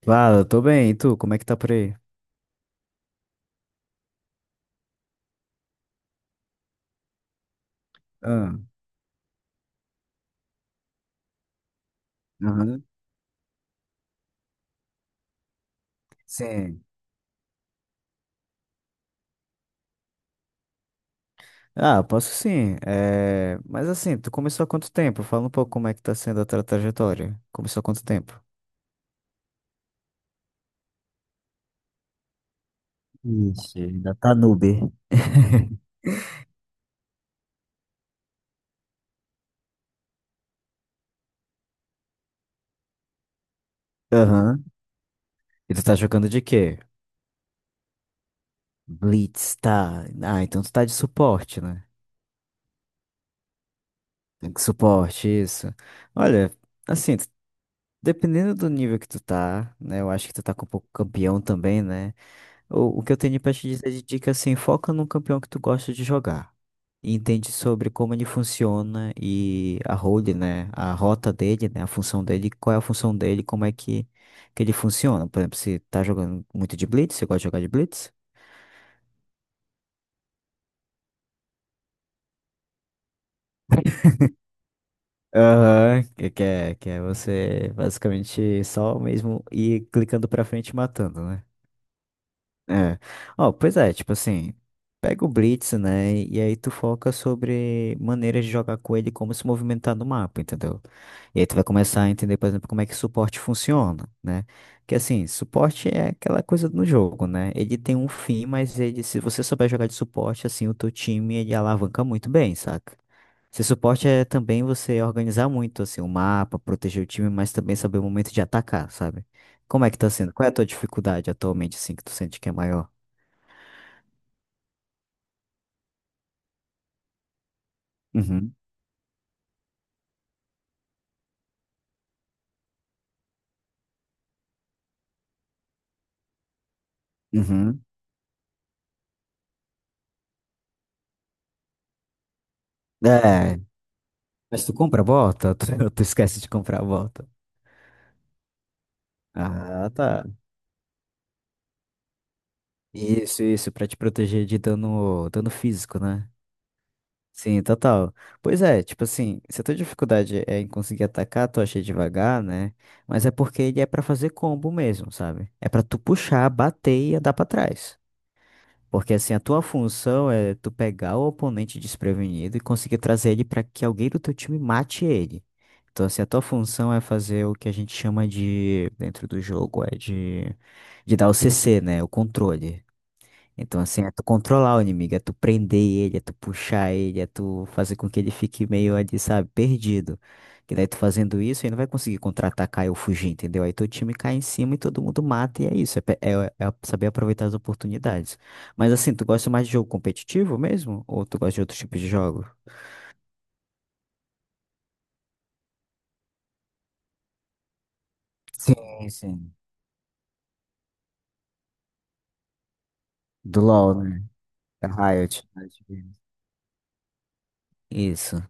Claro, eu tô bem. E tu, como é que tá por aí? Ah, aham. Sim. Ah, posso sim. Mas assim, tu começou há quanto tempo? Fala um pouco como é que tá sendo a tua trajetória. Começou há quanto tempo? Ixi, ainda tá noob. Aham. E tu tá jogando de quê? Blitz, tá. Ah, então tu tá de suporte, né? Tem que Suporte, isso. Olha, assim, dependendo do nível que tu tá, né? Eu acho que tu tá com um pouco campeão também, né? O que eu tenho pra te dizer de dica assim, foca num campeão que tu gosta de jogar. E entende sobre como ele funciona e a role, né? A rota dele, né? A função dele, qual é a função dele, como é que, ele funciona. Por exemplo, se tá jogando muito de Blitz, você gosta de jogar de Blitz? Aham, que é você basicamente só mesmo ir clicando pra frente e matando, né? É. Ó, pois é, tipo assim, pega o Blitz, né? E aí tu foca sobre maneiras de jogar com ele, e como se movimentar no mapa, entendeu? E aí tu vai começar a entender, por exemplo, como é que suporte funciona, né? Que assim, suporte é aquela coisa no jogo, né? Ele tem um fim, mas ele, se você souber jogar de suporte, assim, o teu time, ele alavanca muito bem, saca? Se suporte é também você organizar muito, assim, o mapa, proteger o time, mas também saber o momento de atacar, sabe? Como é que tá sendo? Qual é a tua dificuldade atualmente, assim, que tu sente que é maior? Uhum, uhum. É, mas tu compra a bota? Tu esquece de comprar a bota. Ah, tá. Isso, pra te proteger de dano, dano físico, né? Sim, total. Pois é, tipo assim, se a tua dificuldade é em conseguir atacar, tu acha devagar, né? Mas é porque ele é pra fazer combo mesmo, sabe? É pra tu puxar, bater e andar pra trás. Porque assim, a tua função é tu pegar o oponente desprevenido e conseguir trazer ele para que alguém do teu time mate ele. Então, assim, a tua função é fazer o que a gente chama de, dentro do jogo, é de dar o CC, né? O controle. Então, assim, é tu controlar o inimigo, é tu prender ele, é tu puxar ele, é tu fazer com que ele fique meio ali, sabe, perdido. Que daí tu fazendo isso, ele não vai conseguir contra-atacar ou fugir, entendeu? Aí teu time cai em cima e todo mundo mata, e é isso, é saber aproveitar as oportunidades. Mas assim, tu gosta mais de jogo competitivo mesmo? Ou tu gosta de outros tipos de jogo? Sim, sim. Do LoL, né? Da Riot. Riot Games. Isso.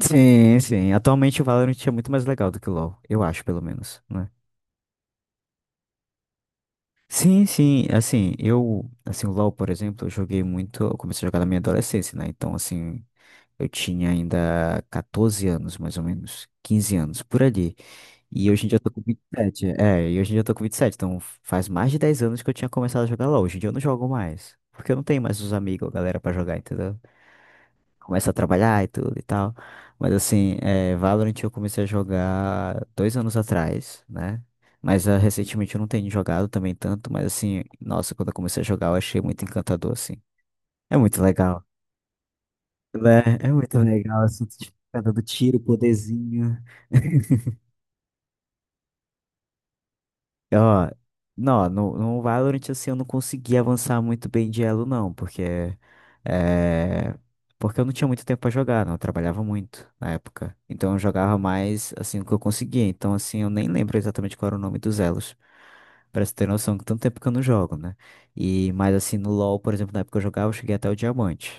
Sim, sim. Atualmente o Valorant é muito mais legal do que o LoL, eu acho, pelo menos, né? Sim, sim, assim, eu, assim, o LoL, por exemplo, eu joguei muito, eu comecei a jogar na minha adolescência, né? Então, assim, eu tinha ainda 14 anos, mais ou menos, 15 anos, por ali. E hoje em dia eu tô com 27 e hoje em dia eu tô com vinte e sete, então faz mais de 10 anos que eu tinha começado a jogar LoL. Hoje em dia eu não jogo mais, porque eu não tenho mais os amigos, a galera pra jogar, entendeu? Começa a trabalhar e tudo e tal. Mas assim, é, Valorant eu comecei a jogar 2 anos atrás, né? Mas recentemente eu não tenho jogado também tanto, mas assim, nossa, quando eu comecei a jogar eu achei muito encantador, assim. É muito legal, né? É muito legal, assim, tipo, cada do tiro, o poderzinho. Ó, não, no Valorant, assim, eu não consegui avançar muito bem de elo, não, porque, é, porque eu não tinha muito tempo pra jogar, não, eu trabalhava muito na época. Então eu jogava mais, assim, o que eu conseguia. Então, assim, eu nem lembro exatamente qual era o nome dos elos. Pra você ter noção, que tanto tempo que eu não jogo, né? E, mas, assim, no LoL, por exemplo, na época que eu jogava, eu cheguei até o diamante.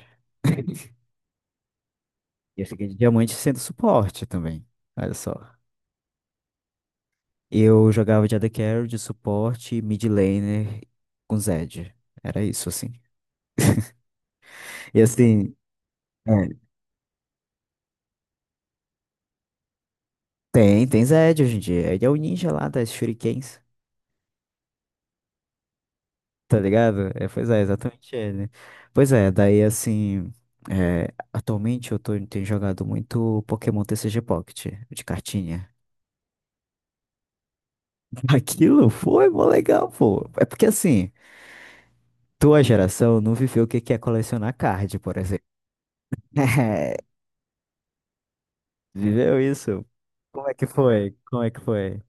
E eu cheguei de diamante sendo suporte também, olha só. Eu jogava de AD Carry, de suporte, mid laner com Zed. Era isso, assim. E assim, é, tem Zed hoje em dia. Ele é o ninja lá das shurikens, tá ligado? É, pois é, exatamente ele. Pois é, daí assim, atualmente eu tenho jogado muito Pokémon TCG Pocket, de cartinha. Aquilo foi mó legal, pô. É porque assim, tua geração não viveu o que que é colecionar card, por exemplo. Viveu isso? Como é que foi? Como é que foi?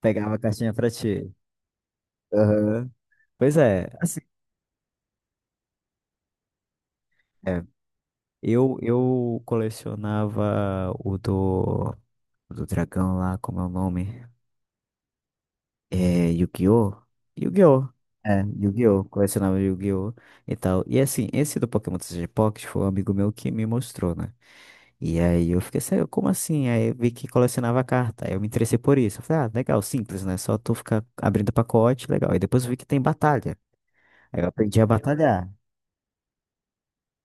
Pegava a caixinha pra ti. Aham. Pois é, assim, é, eu colecionava o do dragão lá, como é o nome? É, Yu-Gi-Oh! Yu-Gi-Oh! É, Yu-Gi-Oh! Colecionava Yu-Gi-Oh! E tal. E assim, esse do Pokémon TCG Pocket foi um amigo meu que me mostrou, né? E aí eu fiquei assim, como assim? Aí eu vi que colecionava carta. Aí eu me interessei por isso. Eu falei, ah, legal, simples, né? Só tu ficar abrindo pacote, legal. Aí depois eu vi que tem batalha. Aí eu aprendi a batalhar.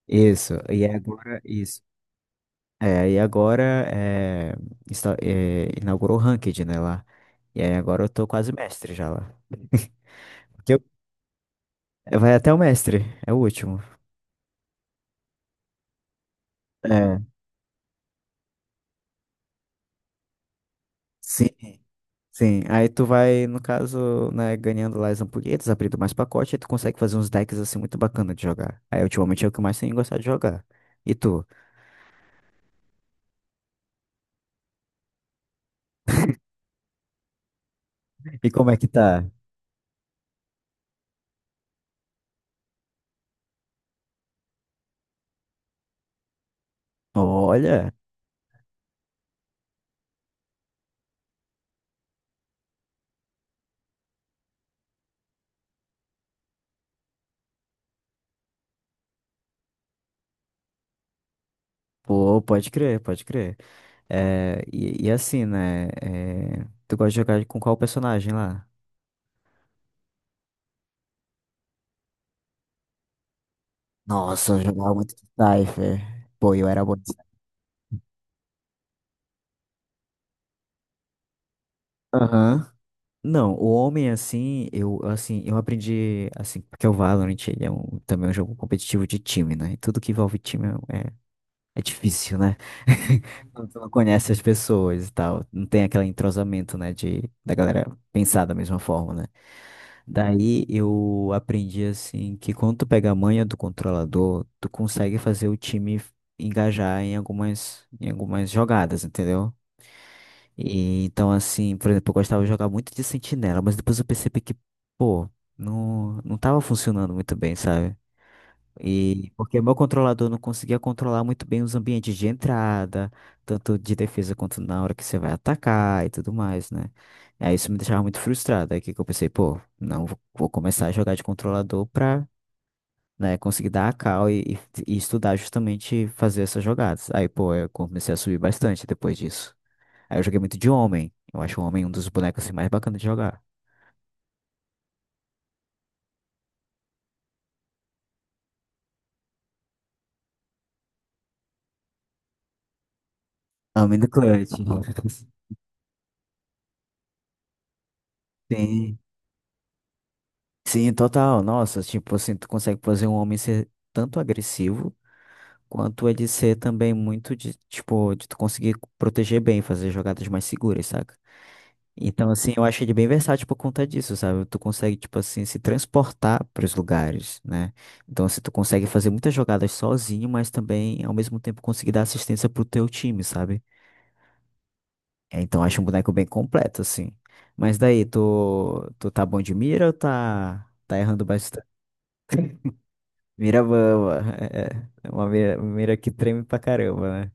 Isso. E aí agora, isso. É, e agora é, inaugurou o Ranked, né, lá. E aí agora eu tô quase mestre já lá. Que Vai até o mestre, é o último. É. Sim. Sim, aí tu vai, no caso, né, ganhando lá as ampulhetas, abrindo mais pacote, aí tu consegue fazer uns decks assim muito bacana de jogar. Aí ultimamente é o que eu mais tenho gostado de jogar. E tu? E como é que tá? Olha, pô, pode crer, pode crer. É, e assim, né? É, tu gosta de jogar com qual personagem lá? Nossa, eu jogava muito de Cypher. Pô, eu era bom de Cypher. Aham. Não, o homem assim, eu aprendi assim, porque o Valorant ele é um, também é um jogo competitivo de time, né? E tudo que envolve time é difícil, né? Quando tu não conhece as pessoas e tal, não tem aquele entrosamento, né, de da galera pensar da mesma forma, né? Daí eu aprendi assim que quando tu pega a manha do controlador, tu consegue fazer o time engajar em algumas jogadas, entendeu? E então, assim, por exemplo, eu gostava de jogar muito de Sentinela, mas depois eu percebi que, pô, não, não tava funcionando muito bem, sabe? E porque meu controlador não conseguia controlar muito bem os ambientes de entrada, tanto de defesa quanto na hora que você vai atacar e tudo mais, né? E aí isso me deixava muito frustrado. Aí que eu pensei, pô, não, vou começar a jogar de controlador pra, né, conseguir dar a cal e estudar justamente fazer essas jogadas. Aí, pô, eu comecei a subir bastante depois disso. Aí eu joguei muito de Homem. Eu acho o Homem um dos bonecos assim, mais bacanas de jogar. Homem do Clutch. Sim. Sim, total. Nossa, tipo assim, tu consegue fazer um homem ser tanto agressivo, quanto ele ser também muito de, tipo, de tu conseguir proteger bem, fazer jogadas mais seguras, saca? Então, assim, eu acho ele bem versátil por conta disso, sabe? Tu consegue, tipo assim, se transportar para os lugares, né? Então, assim, tu consegue fazer muitas jogadas sozinho, mas também, ao mesmo tempo, conseguir dar assistência pro teu time, sabe? É, então acho um boneco bem completo, assim. Mas daí, tu tá bom de mira ou tá errando bastante? Mira boa. É, é uma mira, mira que treme pra caramba, né?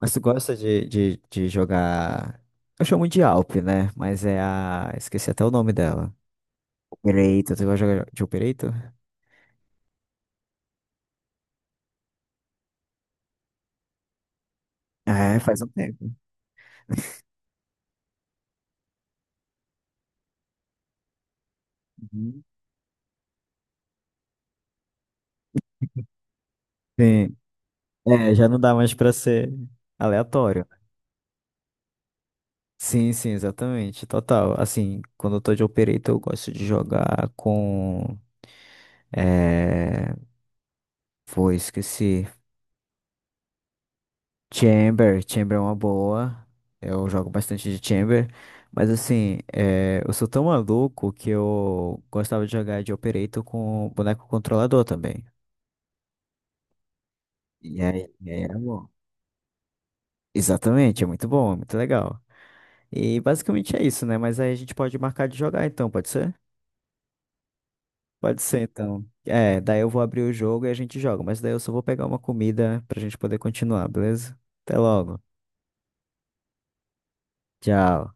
Mas tu gosta de jogar. Eu chamo de Alp, né? Mas é a. Esqueci até o nome dela. Operator, tu gosta de jogar de Operator? É, faz um tempo. Uhum. Sim. É, já não dá mais pra ser aleatório. Sim, sim, exatamente. Total. Assim, quando eu tô de operator, eu gosto de jogar com. É... Foi, esqueci. Chamber é uma boa. Eu jogo bastante de Chamber. Mas assim, eu sou tão maluco que eu gostava de jogar de Operator com boneco controlador também. E aí era bom. Exatamente, é muito bom, é muito legal. E basicamente é isso, né? Mas aí a gente pode marcar de jogar então, pode ser? Pode ser então. É, daí eu vou abrir o jogo e a gente joga. Mas daí eu só vou pegar uma comida pra gente poder continuar, beleza? Até logo. Tchau.